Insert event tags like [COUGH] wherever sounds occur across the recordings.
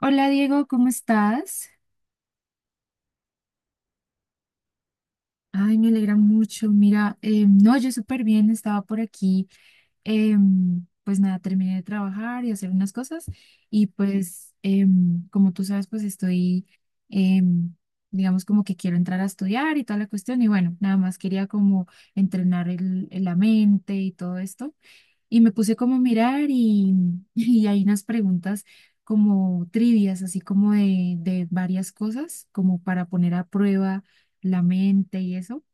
Hola Diego, ¿cómo estás? Ay, me alegra mucho. Mira, no, yo súper bien, estaba por aquí. Pues nada, terminé de trabajar y hacer unas cosas, y pues como tú sabes, pues estoy, em, digamos, como que quiero entrar a estudiar y toda la cuestión y bueno, nada más quería como entrenar la mente y todo esto. Y me puse como a mirar y, [LAUGHS] y hay unas preguntas como trivias, así como de varias cosas, como para poner a prueba la mente y eso.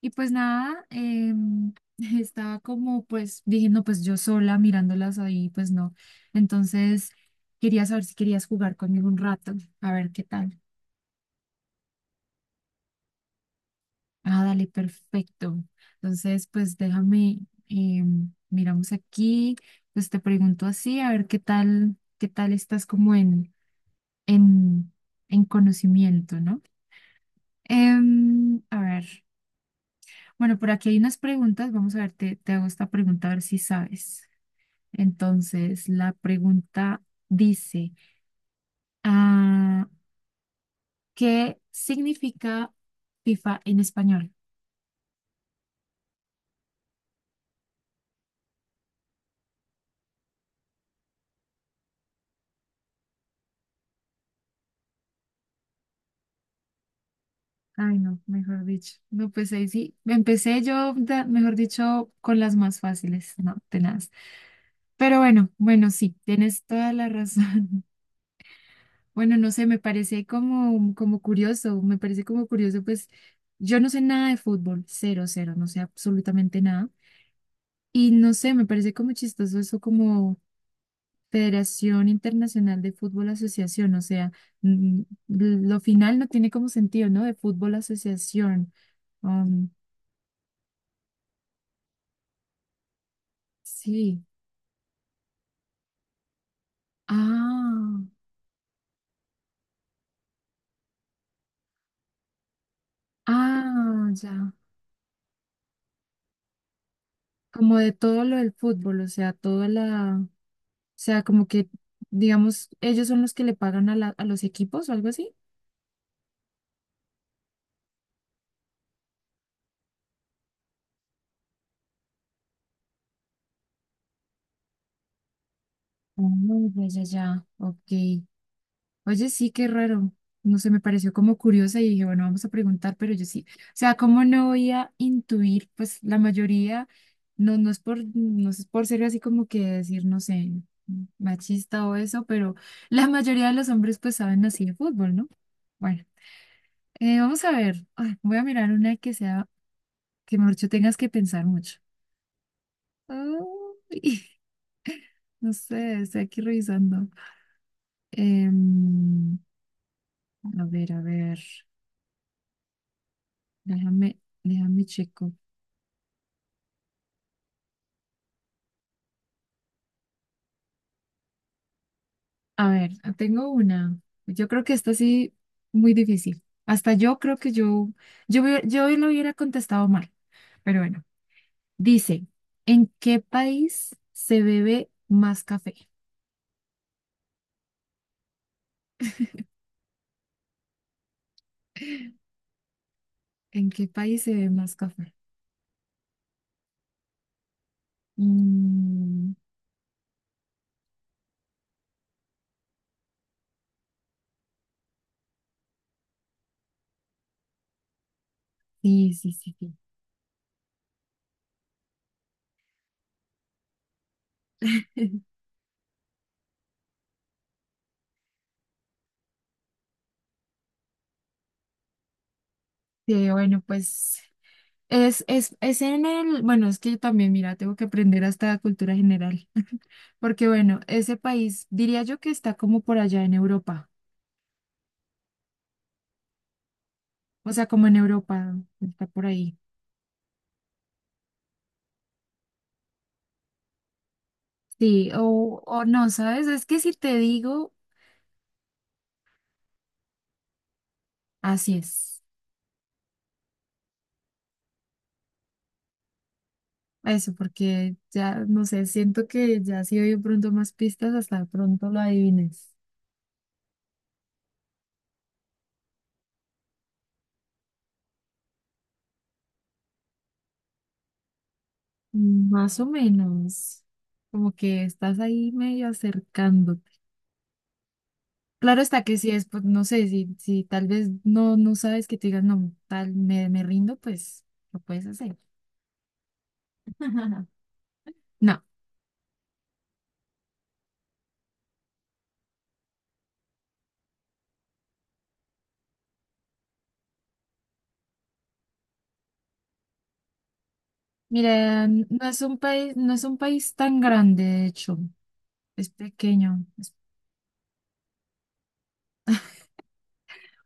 Y pues nada, [LAUGHS] estaba como, pues dije, no, pues yo sola mirándolas ahí, pues no. Entonces quería saber si querías jugar conmigo un rato, a ver qué tal. Ah, dale, perfecto. Entonces, pues déjame, eh, miramos aquí, pues te pregunto así, a ver qué tal estás como en, en conocimiento, ¿no? A ver, bueno, por aquí hay unas preguntas, vamos a ver, te hago esta pregunta a ver si sabes. Entonces, la pregunta dice, ah, ¿qué significa FIFA en español? Ay, no, mejor dicho. No, pues ahí sí. Empecé yo, mejor dicho, con las más fáciles, no, tenaz. Pero bueno, sí, tienes toda la razón. [LAUGHS] Bueno, no sé, me parece como, como curioso, me parece como curioso, pues yo no sé nada de fútbol, cero, cero, no sé absolutamente nada. Y no sé, me parece como chistoso eso, como Federación Internacional de Fútbol Asociación, o sea, mm, lo final no tiene como sentido, ¿no? De fútbol asociación. Um, sí. Ah, ah, ya. Como de todo lo del fútbol, o sea, como que, digamos, ellos son los que le pagan a a los equipos o algo así. Ah, ya, ya, ya. Ok. Oye, sí, qué raro. No sé, me pareció como curiosa y dije, bueno, vamos a preguntar, pero yo sí. O sea, ¿cómo no voy a intuir? Pues la mayoría, no es por ser así como que decir, no sé, machista o eso, pero la mayoría de los hombres pues saben así de fútbol, ¿no? Bueno. Vamos a ver. Ay, voy a mirar una que sea, que mejor dicho tengas que pensar mucho. Ay, [LAUGHS] no sé, estoy aquí revisando. Em, a ver, a ver. Déjame checo. A ver, tengo una. Yo creo que esta sí, muy difícil. Hasta yo creo que yo lo hubiera contestado mal. Pero bueno, dice, ¿en qué país se bebe más café? ¿En qué país se bebe más café? Mm, Sí, sí, sí, sí. [LAUGHS] Sí, bueno, pues es en el, bueno, es que yo también, mira, tengo que aprender hasta cultura general, [LAUGHS] porque bueno, ese país diría yo que está como por allá en Europa, o sea, como en Europa, está por ahí. Sí, o no, ¿sabes? Es que si te digo, así es. Eso, porque ya, no sé, siento que ya si doy de pronto más pistas, hasta de pronto lo adivines. Más o menos, como que estás ahí medio acercándote. Claro está que si es, pues, no sé, si tal vez no, no sabes, que te digas, no, tal, me rindo, pues lo puedes hacer. [LAUGHS] No, mira, no es un país tan grande, de hecho, es pequeño.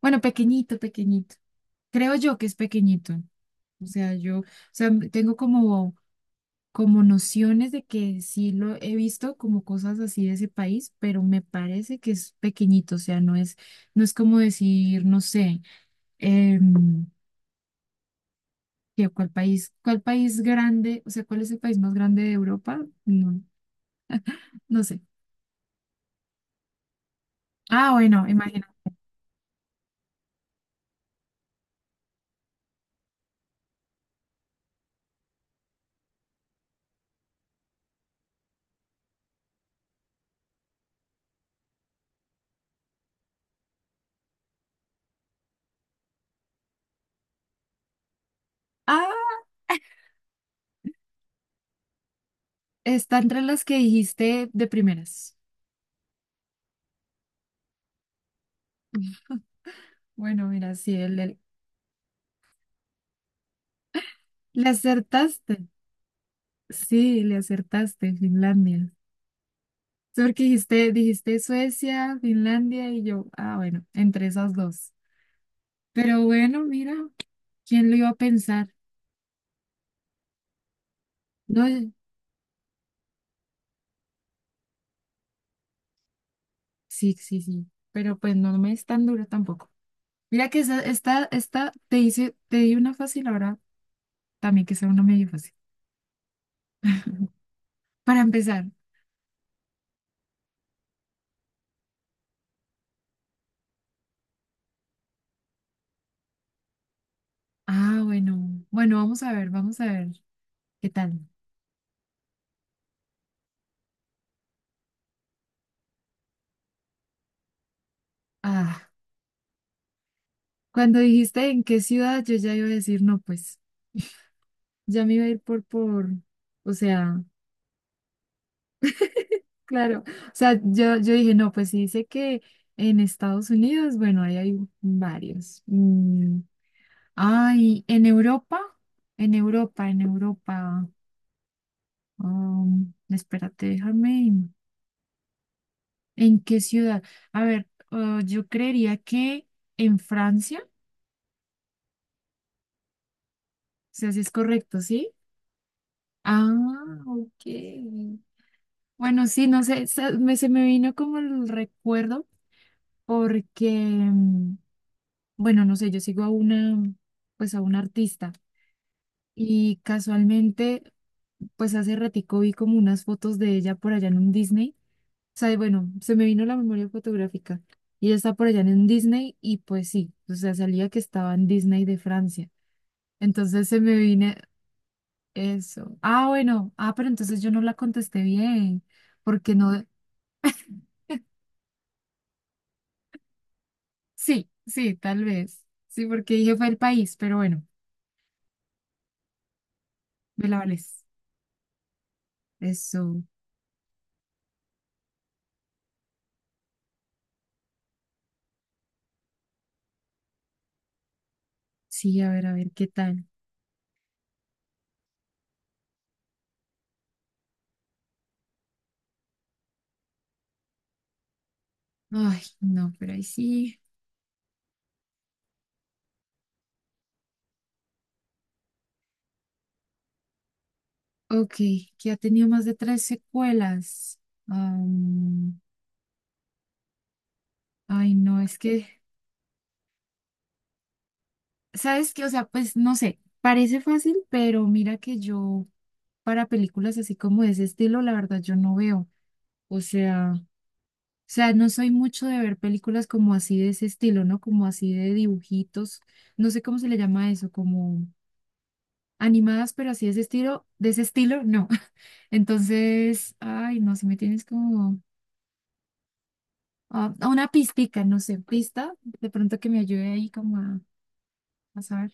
Bueno, pequeñito, pequeñito. Creo yo que es pequeñito. O sea, tengo como, como nociones de que sí lo he visto como cosas así de ese país, pero me parece que es pequeñito. O sea, no es, no es como decir, no sé. em, ¿Qué- ¿Cuál país? ¿Cuál país grande? O sea, ¿cuál es el país más grande de Europa? No, no sé. Ah, bueno, imagina. Ah, está entre las que dijiste de primeras. Bueno, mira, sí, le acertaste. Sí, le acertaste, Finlandia. Sí, porque dijiste, dijiste Suecia, Finlandia y yo. Ah, bueno, entre esas dos. Pero bueno, mira, ¿quién lo iba a pensar? No, sí, sí, sí. Pero pues no, no me es tan duro tampoco. Mira que esta te hice, te di una fácil ahora, también que sea una medio fácil. [LAUGHS] Para empezar. Ah, bueno. Bueno, vamos a ver qué tal. Ah, cuando dijiste en qué ciudad, yo ya iba a decir, no, pues, ya me iba a ir o sea, claro. O sea, yo dije, no, pues si dice que en Estados Unidos, bueno, ahí hay varios. Ay, en Europa, en Europa. Espérate, déjame. ¿En qué ciudad? A ver, yo creería que en Francia, o sea, si es correcto, ¿sí? Ah, ok. Bueno, sí, no sé, se me vino como el recuerdo porque, bueno, no sé, yo sigo a una, pues a una artista y casualmente, pues hace ratico vi como unas fotos de ella por allá en un Disney. O sea, y bueno, se me vino la memoria fotográfica y ella está por allá en un Disney y pues sí, o sea, salía que estaba en Disney de Francia. Entonces se me viene eso. Ah, bueno, ah, pero entonces yo no la contesté bien, porque no, sí, sí, tal vez. Sí, porque dije fue el país, pero bueno, me la vales. Eso, sí, a ver, ¿qué tal? Ay, no, pero ahí sí. Ok, que ha tenido más de tres secuelas. Am, ay, no, es que, ¿sabes qué? O sea, pues no sé, parece fácil, pero mira que yo para películas así como de ese estilo, la verdad, yo no veo. O sea... sea, no soy mucho de ver películas como así de ese estilo, ¿no? Como así de dibujitos, no sé cómo se le llama eso, como animadas, pero así de ese estilo, no. [LAUGHS] Entonces, ay, no, si me tienes como ah, una pistica, no sé, pista, de pronto que me ayude ahí a saber.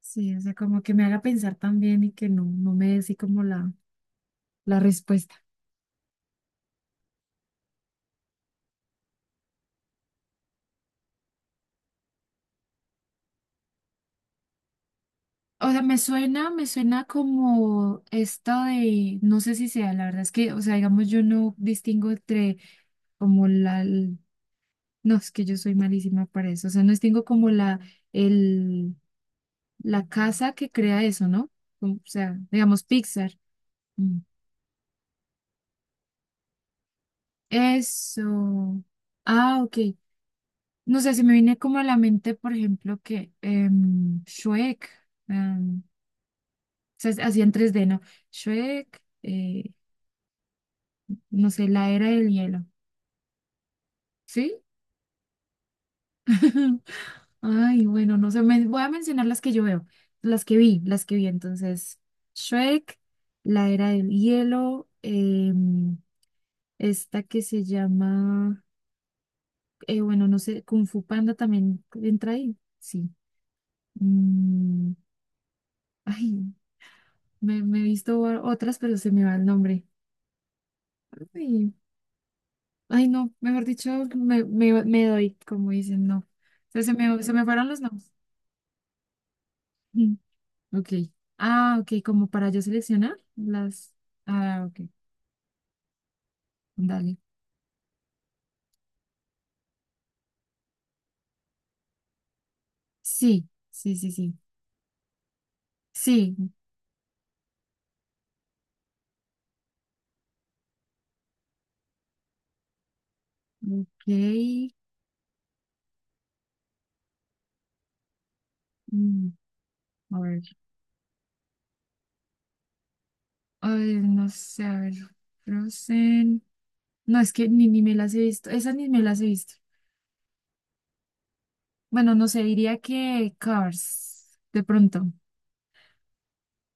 Sí, o sea, como que me haga pensar también y que no, no me dé así como la respuesta. O sea, me suena como esta de, no sé si sea, la verdad es que, o sea, digamos, yo no distingo entre como la, l- no, es que yo soy malísima para eso, o sea, no es- tengo como el, la casa que crea eso, ¿no? O sea, digamos Pixar. Mm. Eso. Ah, ok. No sé, se me viene como a la mente, por ejemplo, que Shrek, o sea, hacía en 3D, ¿no? Shrek, no sé, la era del hielo, ¿sí? [LAUGHS] Ay, bueno, no sé, voy a mencionar las que yo veo, las que vi. Entonces, Shrek, La Era del Hielo, esta que se llama, bueno, no sé, Kung Fu Panda también entra ahí, sí. Mm, ay, me he visto otras, pero se me va el nombre. Ay, ay, no, mejor dicho, me doy, como dicen, no. O sea, se me fueron los nombres. [LAUGHS] Ok. Ah, ok, como para yo seleccionar las. Ah, ok, dale. Sí, sí, sí, sí. Sí, ok. mm, a ver, ay, no sé, a ver. Frozen. No, es que ni me las he visto. Esas ni me las he visto. Bueno, no sé, diría que Cars, de pronto.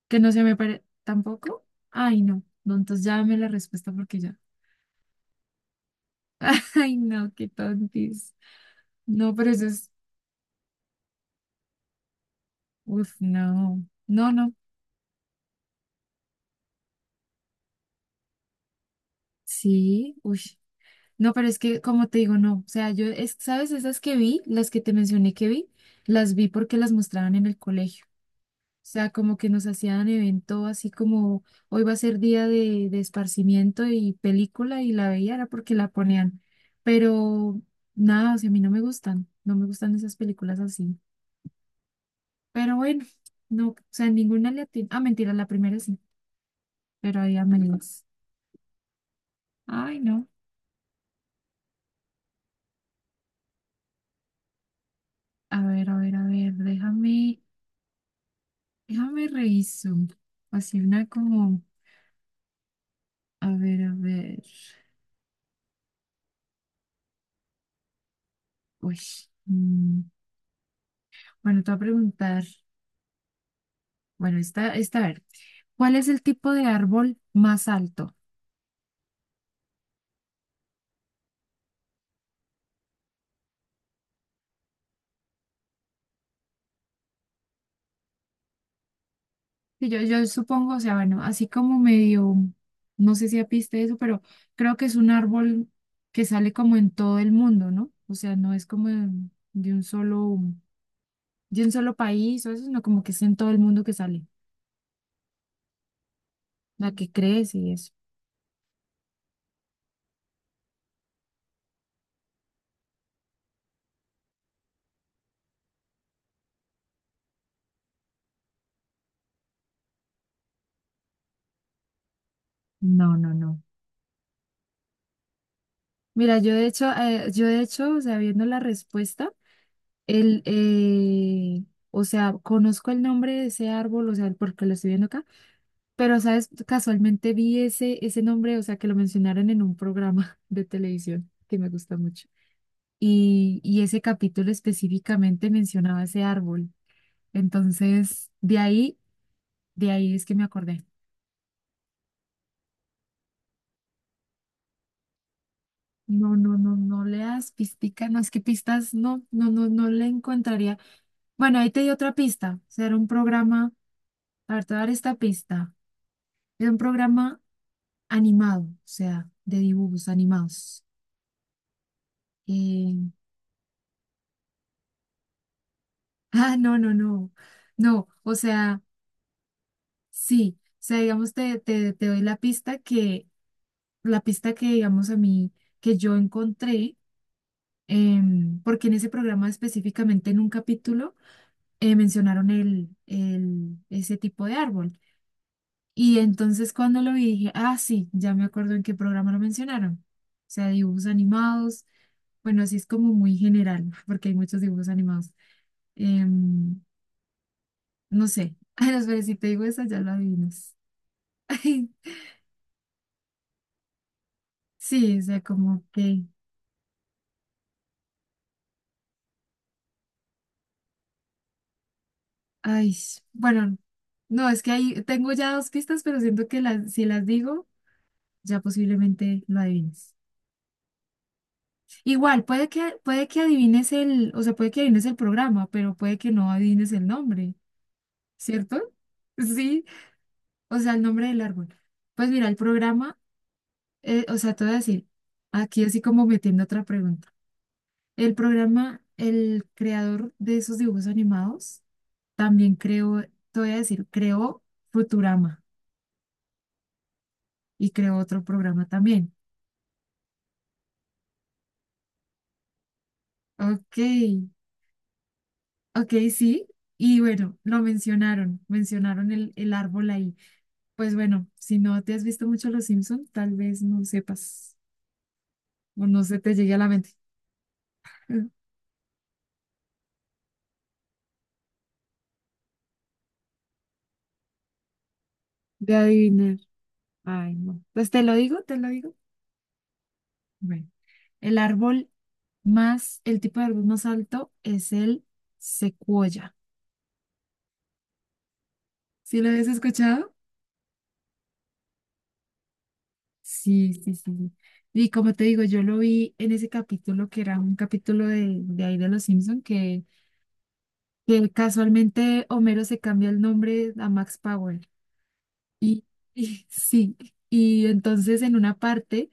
Que no se me parece. ¿Tampoco? Ay, no. No, entonces ya dame la respuesta porque ya. [LAUGHS] Ay, no, qué tontis. No, pero eso es. Uf, no. No, no. Sí, uy. No, pero es que, como te digo, no. O sea, yo, es, ¿sabes? Esas que vi, las que te mencioné que vi, las vi porque las mostraban en el colegio. O sea, como que nos hacían evento así como hoy va a ser día de esparcimiento y película, y la veía era porque la ponían. Pero nada, o sea, a mí no me gustan, no me gustan esas películas así. Pero bueno, no, o sea, ninguna ah, mentira, la primera sí, pero ahí amelas. Ay, no. A ver, a ver, a ver, déjame. Déjame reviso. Así una como, a ver, a ver. Uy. mm, Bueno, te voy a preguntar. Bueno, esta, a ver. ¿Cuál es el tipo de árbol más alto? Sí, yo supongo, o sea, bueno, así como medio, no sé si apiste eso, pero creo que es un árbol que sale como en todo el mundo, ¿no? O sea, no es como de un solo, de un solo país o eso, sino como que es en todo el mundo que sale, la que crece y eso. No, no, no. Mira, yo de hecho, o sea, viendo la respuesta, el, eh, o sea, conozco el nombre de ese árbol, o sea, porque lo estoy viendo acá, pero, ¿sabes? Casualmente vi ese nombre, o sea, que lo mencionaron en un programa [LAUGHS] de televisión que me gusta mucho. Y ese capítulo específicamente mencionaba ese árbol. Entonces, de ahí es que me acordé. No, no, no, no leas pistica, no, es que pistas, no, no, no, no le encontraría. Bueno, ahí te di otra pista. O sea, era un programa, a ver, te voy a dar esta pista. Era un programa animado, o sea, de dibujos animados. Eh, [LAUGHS] ah, no, no, no. No, o sea, sí. O sea, digamos, te doy la pista que, digamos, a mí, que yo encontré, porque en ese programa específicamente, en un capítulo, mencionaron ese tipo de árbol. Y entonces cuando lo vi dije, ah, sí, ya me acuerdo en qué programa lo mencionaron. O sea, dibujos animados, bueno, así es como muy general, [LAUGHS] porque hay muchos dibujos animados. Em, no sé, [LAUGHS] ay, no, pero si te digo esa, ya lo adivinas. [LAUGHS] sí, o sea, como que, ay, bueno, no, es que ahí tengo ya dos pistas, pero siento que las, si las digo, ya posiblemente lo adivines. Igual, puede que adivines el, o sea, puede que adivines el programa, pero puede que no adivines el nombre. ¿Cierto? Sí, o sea, el nombre del árbol. Pues mira, el programa, o sea, te voy a decir, aquí así como metiendo otra pregunta. El programa, el creador de esos dibujos animados, también creó, te voy a decir, creó Futurama y creó otro programa también. Ok, ok, sí. Y bueno, lo mencionaron, mencionaron el árbol ahí. Pues bueno, si no te has visto mucho Los Simpson, tal vez no sepas o no se te llegue a la mente. De adivinar. Ay, no. Pues te lo digo, te lo digo. Bueno, el árbol el tipo de árbol más alto es el secuoya. ¿Sí lo habías escuchado? Sí, sí, sí. Sí. Y como te digo, yo lo vi en ese capítulo que era un capítulo de ahí de Los Simpson que casualmente Homero se cambia el nombre a Max Power. Y, [LAUGHS] y sí, y entonces en una parte.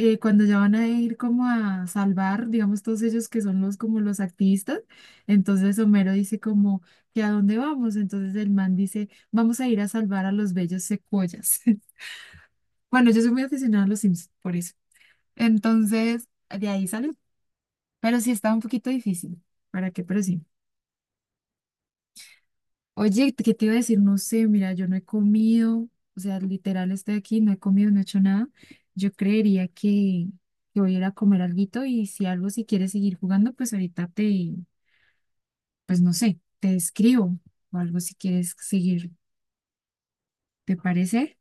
Cuando ya van a ir como a salvar, digamos, todos ellos que son los como los activistas, entonces Homero dice como que a dónde vamos, entonces el man dice, vamos a ir a salvar a los bellos secuoyas. [LAUGHS] Bueno, yo soy muy aficionada a los Sims, por eso. Entonces, de ahí salió, pero sí estaba un poquito difícil, ¿para qué? Pero sí. Oye, ¿qué te iba a decir? No sé, mira, yo no he comido, o sea, literal estoy aquí, no he comido, no he hecho nada. Yo creería que voy a ir a comer alguito y si algo, si quieres seguir jugando, pues ahorita pues no sé, te escribo o algo si quieres seguir, ¿te parece?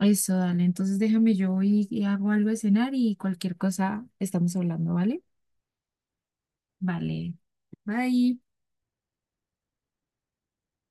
Eso, dale, entonces déjame yo voy y hago algo de cenar y cualquier cosa estamos hablando, ¿vale? Vale, bye.